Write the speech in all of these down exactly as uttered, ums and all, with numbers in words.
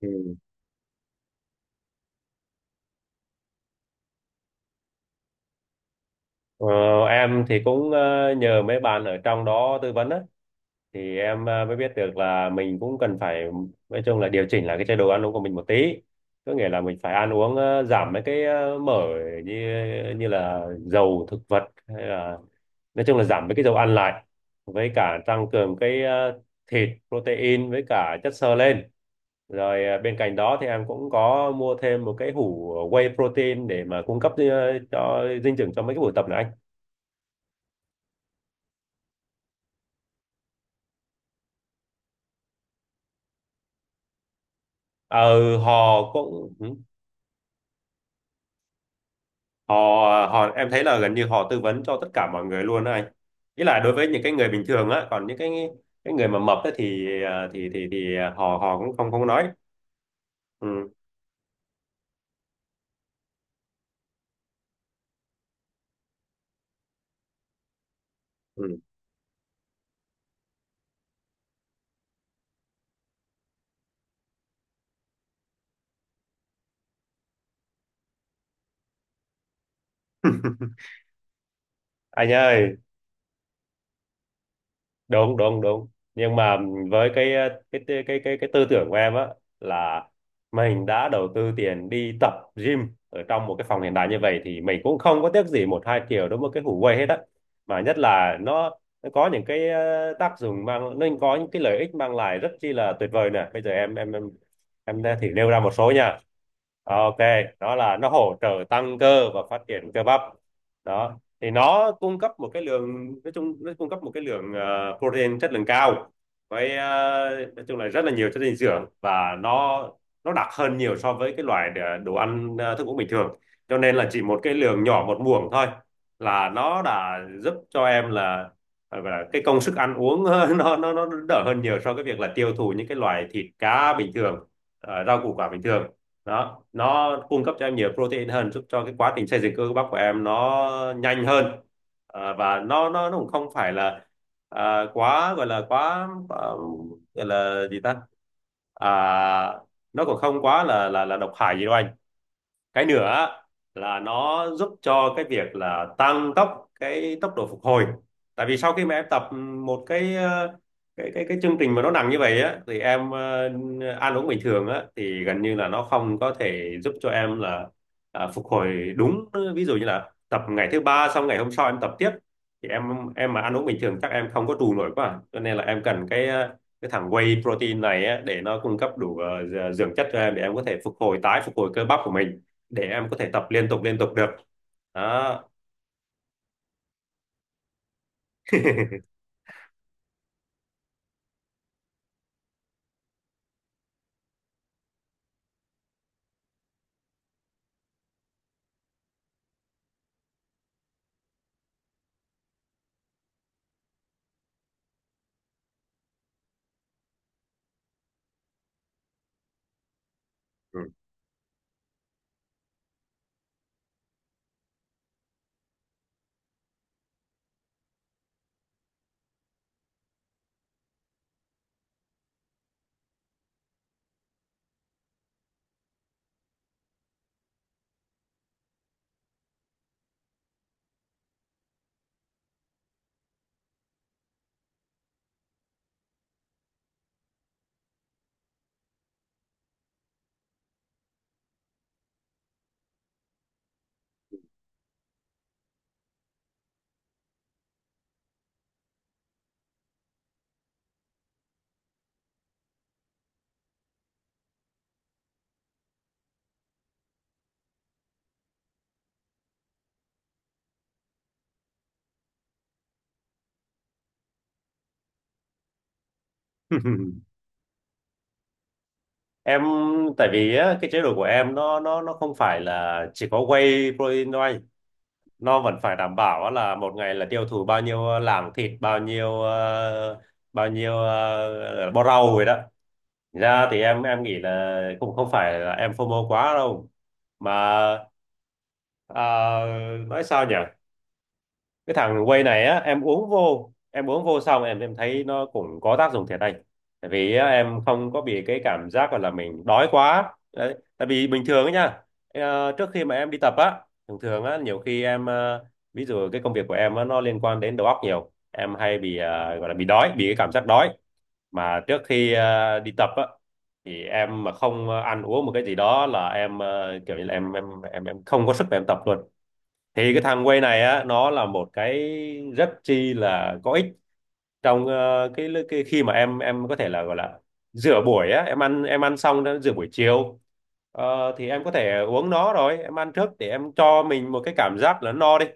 Ừ. Ờ, em thì cũng ờ, nhờ mấy bạn ở trong đó tư vấn á, thì em ờ, mới biết được là mình cũng cần phải nói chung là điều chỉnh lại cái chế độ ăn uống của mình một tí, có nghĩa là mình phải ăn uống ờ, giảm mấy cái ờ, mỡ như như là dầu thực vật hay là nói chung là giảm mấy cái dầu ăn lại, với cả tăng cường cái ờ, thịt protein với cả chất xơ lên, rồi ờ, bên cạnh đó thì em cũng có mua thêm một cái hũ whey protein để mà cung cấp ờ, cho dinh dưỡng cho mấy cái buổi tập này. Ờ, họ cũng ừ, họ họ em thấy là gần như họ tư vấn cho tất cả mọi người luôn đó anh, ý là đối với những cái người bình thường á, còn những cái cái người mà mập á thì ờ, thì thì thì ờ, họ họ cũng không không nói ừ. Ừ, anh ơi, đúng đúng đúng, nhưng mà với cái ờ, cái cái cái cái, cái tư tưởng của em á là mình đã đầu tư tiền đi tập gym ở trong một cái phòng hiện đại như vậy thì mình cũng không có tiếc gì một hai triệu đối với cái Hủ Quay hết á, mà nhất là nó nó có những cái ờ, tác dụng mang nó có những cái lợi ích mang lại rất chi là tuyệt vời nè. Bây giờ em em em em thì nêu ra một số nha. Ok, đó là nó hỗ trợ tăng cơ và phát triển cơ bắp đó, thì nó cung cấp một cái lượng nói chung nó cung cấp một cái lượng ờ, protein chất lượng cao, với ờ, nói chung là rất là nhiều chất dinh dưỡng, và nó nó đặc hơn nhiều so với cái loại đ- đồ ăn ờ, thức uống bình thường, cho nên là chỉ một cái lượng nhỏ, một muỗng thôi là nó đã giúp cho em là ờ, gọi là cái công sức ăn uống nó nó nó đỡ hơn nhiều so với việc là tiêu thụ những cái loại thịt cá bình thường, ờ, rau củ quả bình thường. Đó, nó cung cấp cho em nhiều protein hơn, giúp cho cái quá trình xây dựng cơ bắp của em nó nhanh hơn. Ờ, và nó nó nó cũng không phải là à, quá gọi là quá quá- gọi là gì ta, à, nó cũng không quá là là là độc hại gì đâu anh. Cái nữa là nó giúp cho cái việc là tăng tốc cái tốc độ phục hồi, tại vì sau khi mà em tập một cái ờ, cái cái cái chương trình mà nó nặng như vậy á, thì em ờ, ăn uống bình thường á thì gần như là nó không có thể giúp cho em là à, phục hồi đúng. Ví dụ như là tập ngày thứ ba xong ngày hôm sau em tập tiếp, thì em em mà ăn uống bình thường chắc em không có trụ nổi quá à. Cho nên là em cần cái ờ, cái thằng whey protein này á, để nó cung cấp đủ ờ, dưỡng chất cho em, để em có thể phục hồi, tái phục hồi cơ bắp của mình, để em có thể tập liên tục liên tục được đó. Ừ. Em tại vì á, cái chế độ của em nó nó nó không phải là chỉ có whey protein thôi, nó vẫn phải đảm bảo á là một ngày là tiêu thụ bao nhiêu ờ, lạng thịt, bao nhiêu ờ, bao nhiêu uh, bó rau rồi đó. Thành ra thì em em nghĩ là cũng không phải là em phô mô quá đâu, mà ờ, nói sao nhỉ, cái thằng whey này á, em uống vô em uống vô xong em em thấy nó cũng có tác dụng thiệt anh. Tại vì á, em không có bị cái cảm giác gọi là mình đói quá đấy, tại vì bình thường ấy nha, ờ, trước khi mà em đi tập á thường thường á nhiều khi em ờ, ví dụ cái công việc của em á, nó liên quan đến đầu óc nhiều, em hay bị ờ, gọi là bị đói, bị cái cảm giác đói, mà trước khi ờ, đi tập á thì em mà không ờ, ăn uống một cái gì đó là em ờ, kiểu như là em em em em không có sức để em tập luôn. Thì cái thằng Way này á, nó là một cái rất chi là có ích trong ờ, cái, cái khi mà em em có thể là gọi là rửa buổi á, em ăn em ăn xong đã rửa buổi chiều. Ờ, thì em có thể uống nó rồi em ăn trước để em cho mình một cái cảm giác là no đi,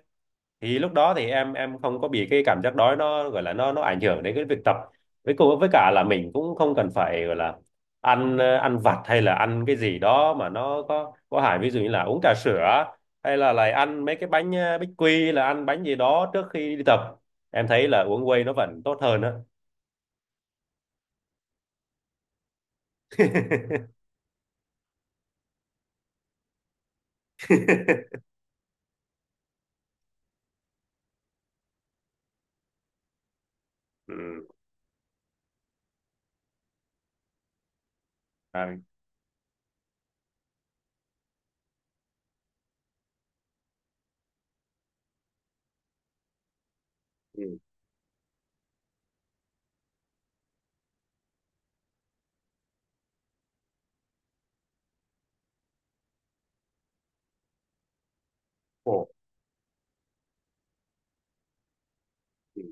thì lúc đó thì em em không có bị cái cảm giác đói nó gọi là nó nó ảnh hưởng đến cái việc tập, với cùng với cả là mình cũng không cần phải gọi là ăn ờ, ăn vặt hay là ăn cái gì đó mà nó có có hại, ví dụ như là uống trà sữa hay là lại ăn mấy cái bánh ờ, bích quy là ăn bánh gì đó trước khi đi tập. Em thấy là uống whey nó vẫn tốt hơn á. Ừ. À, ừ. Ồ. Ừ.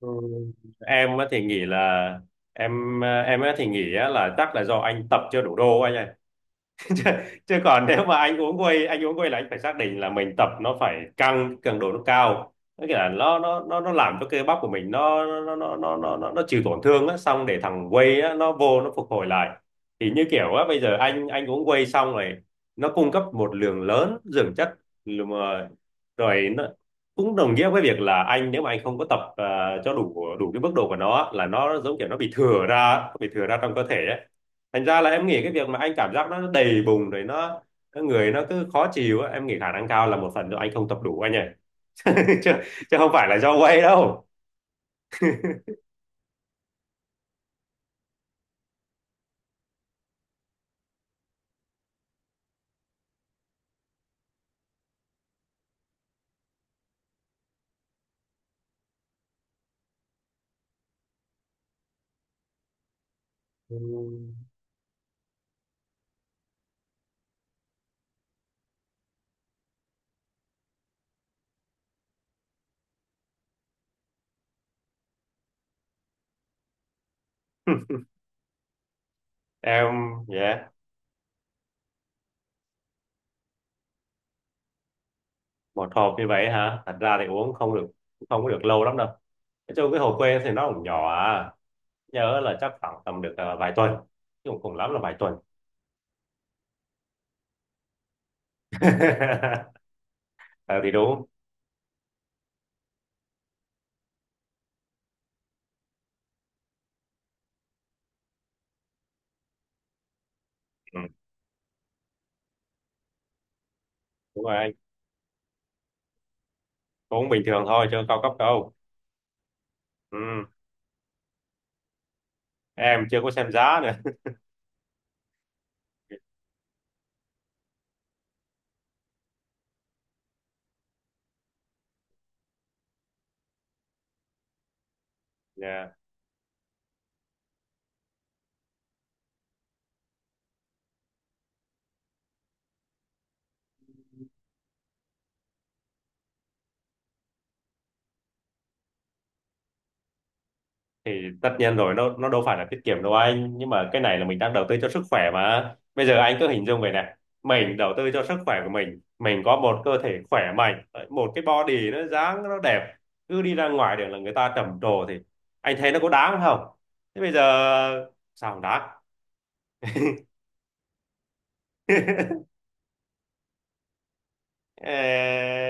Ừ. em á thì nghĩ là em ờ, em á thì nghĩ á là chắc là do anh tập chưa đủ đô anh ạ, chứ còn nếu mà anh uống whey anh uống whey là anh phải xác định là mình tập nó phải căng, cường độ nó cao. Nó nghĩa là nó nó nó nó làm cho cơ bắp của mình nó nó nó nó nó nó, nó chịu tổn thương á, xong để thằng whey á, nó vô nó phục hồi lại. Thì như kiểu á, bây giờ anh anh uống whey xong rồi, nó cung cấp một lượng lớn dưỡng chất, rồi mà- rồi nó cũng đồng nghĩa với việc là anh nếu mà anh không có tập ờ, cho đủ đủ cái mức độ của nó á, là nó giống kiểu nó bị thừa ra nó bị thừa ra trong cơ thể ấy. Thành ra là em nghĩ cái việc mà anh cảm giác nó đầy bùng rồi nó nó người nó cứ khó chịu á, em nghĩ khả năng cao là một phần do anh không tập đủ anh ạ. chứ, chứ không phải là do quay đâu. Ừ. Em yeah, một hộp như vậy hả, thật ra thì uống không được, không có được lâu lắm đâu. Nói chung cái hồ quê thì nó cũng nhỏ à, nhớ là chắc khoảng tầm được ờ, vài tuần, chứ cũng cùng lắm là vài tuần. Ờ, thì đúng ừ, đúng rồi anh, cũng bình thường thôi chứ không cao cấp đâu. Ừ. Em chưa có xem giá nữa. Dạ. Thì tất nhiên rồi, nó nó đâu phải là tiết kiệm đâu anh, nhưng mà cái này là mình đang đầu tư cho sức khỏe mà. Bây giờ anh cứ hình dung vậy nè, mình đầu tư cho sức khỏe của mình mình có một cơ thể khỏe mạnh, một cái body nó dáng nó đẹp, cứ đi ra ngoài đường là người ta trầm trồ, thì anh thấy nó có đáng không? Thế bây giờ sao không đáng? Ê,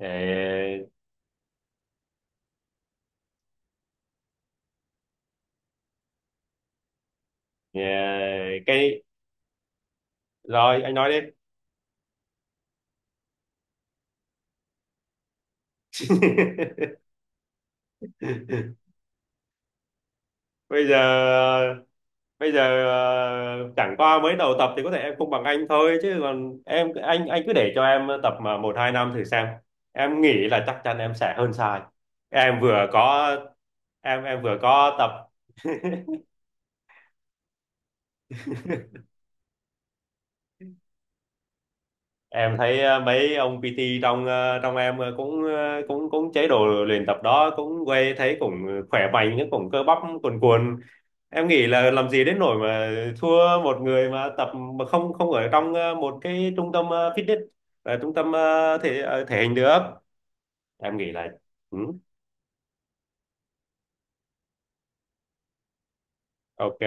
ê, ê, cái, rồi anh nói đi. bây giờ bây giờ ờ, chẳng qua mới đầu tập thì có thể em không bằng anh thôi, chứ còn em, anh anh cứ để cho em tập mà một hai năm thử xem, em nghĩ là chắc chắn em sẽ hơn sai. Em vừa có em em vừa có tập. Em thấy ờ, mấy ông pê tê trong ờ, trong em ờ, cũng ờ, cũng cũng chế độ luyện tập đó, cũng quay, thấy cũng khỏe mạnh, cũng cơ bắp cuồn cuộn, em nghĩ là làm gì đến nỗi mà thua một người mà tập mà không không ở trong ờ, một cái trung tâm ờ, fitness, ờ, trung tâm ờ, thể ờ, thể hình được. Em nghĩ là ừ, ok.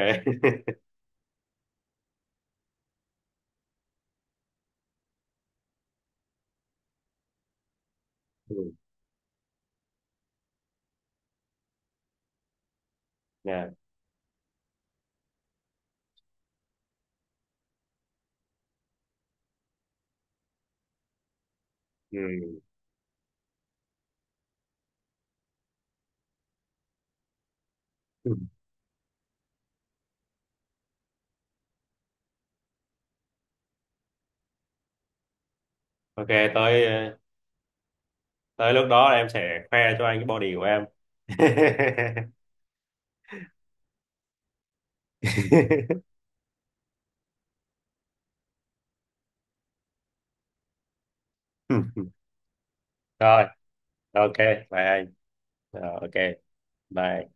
Ừ, nè, ừ. Ừ. Ok, tới ờ, tới lúc đó là em sẽ khoe cho anh cái body của em. Rồi, ok, bye anh. Rồi, ok bye.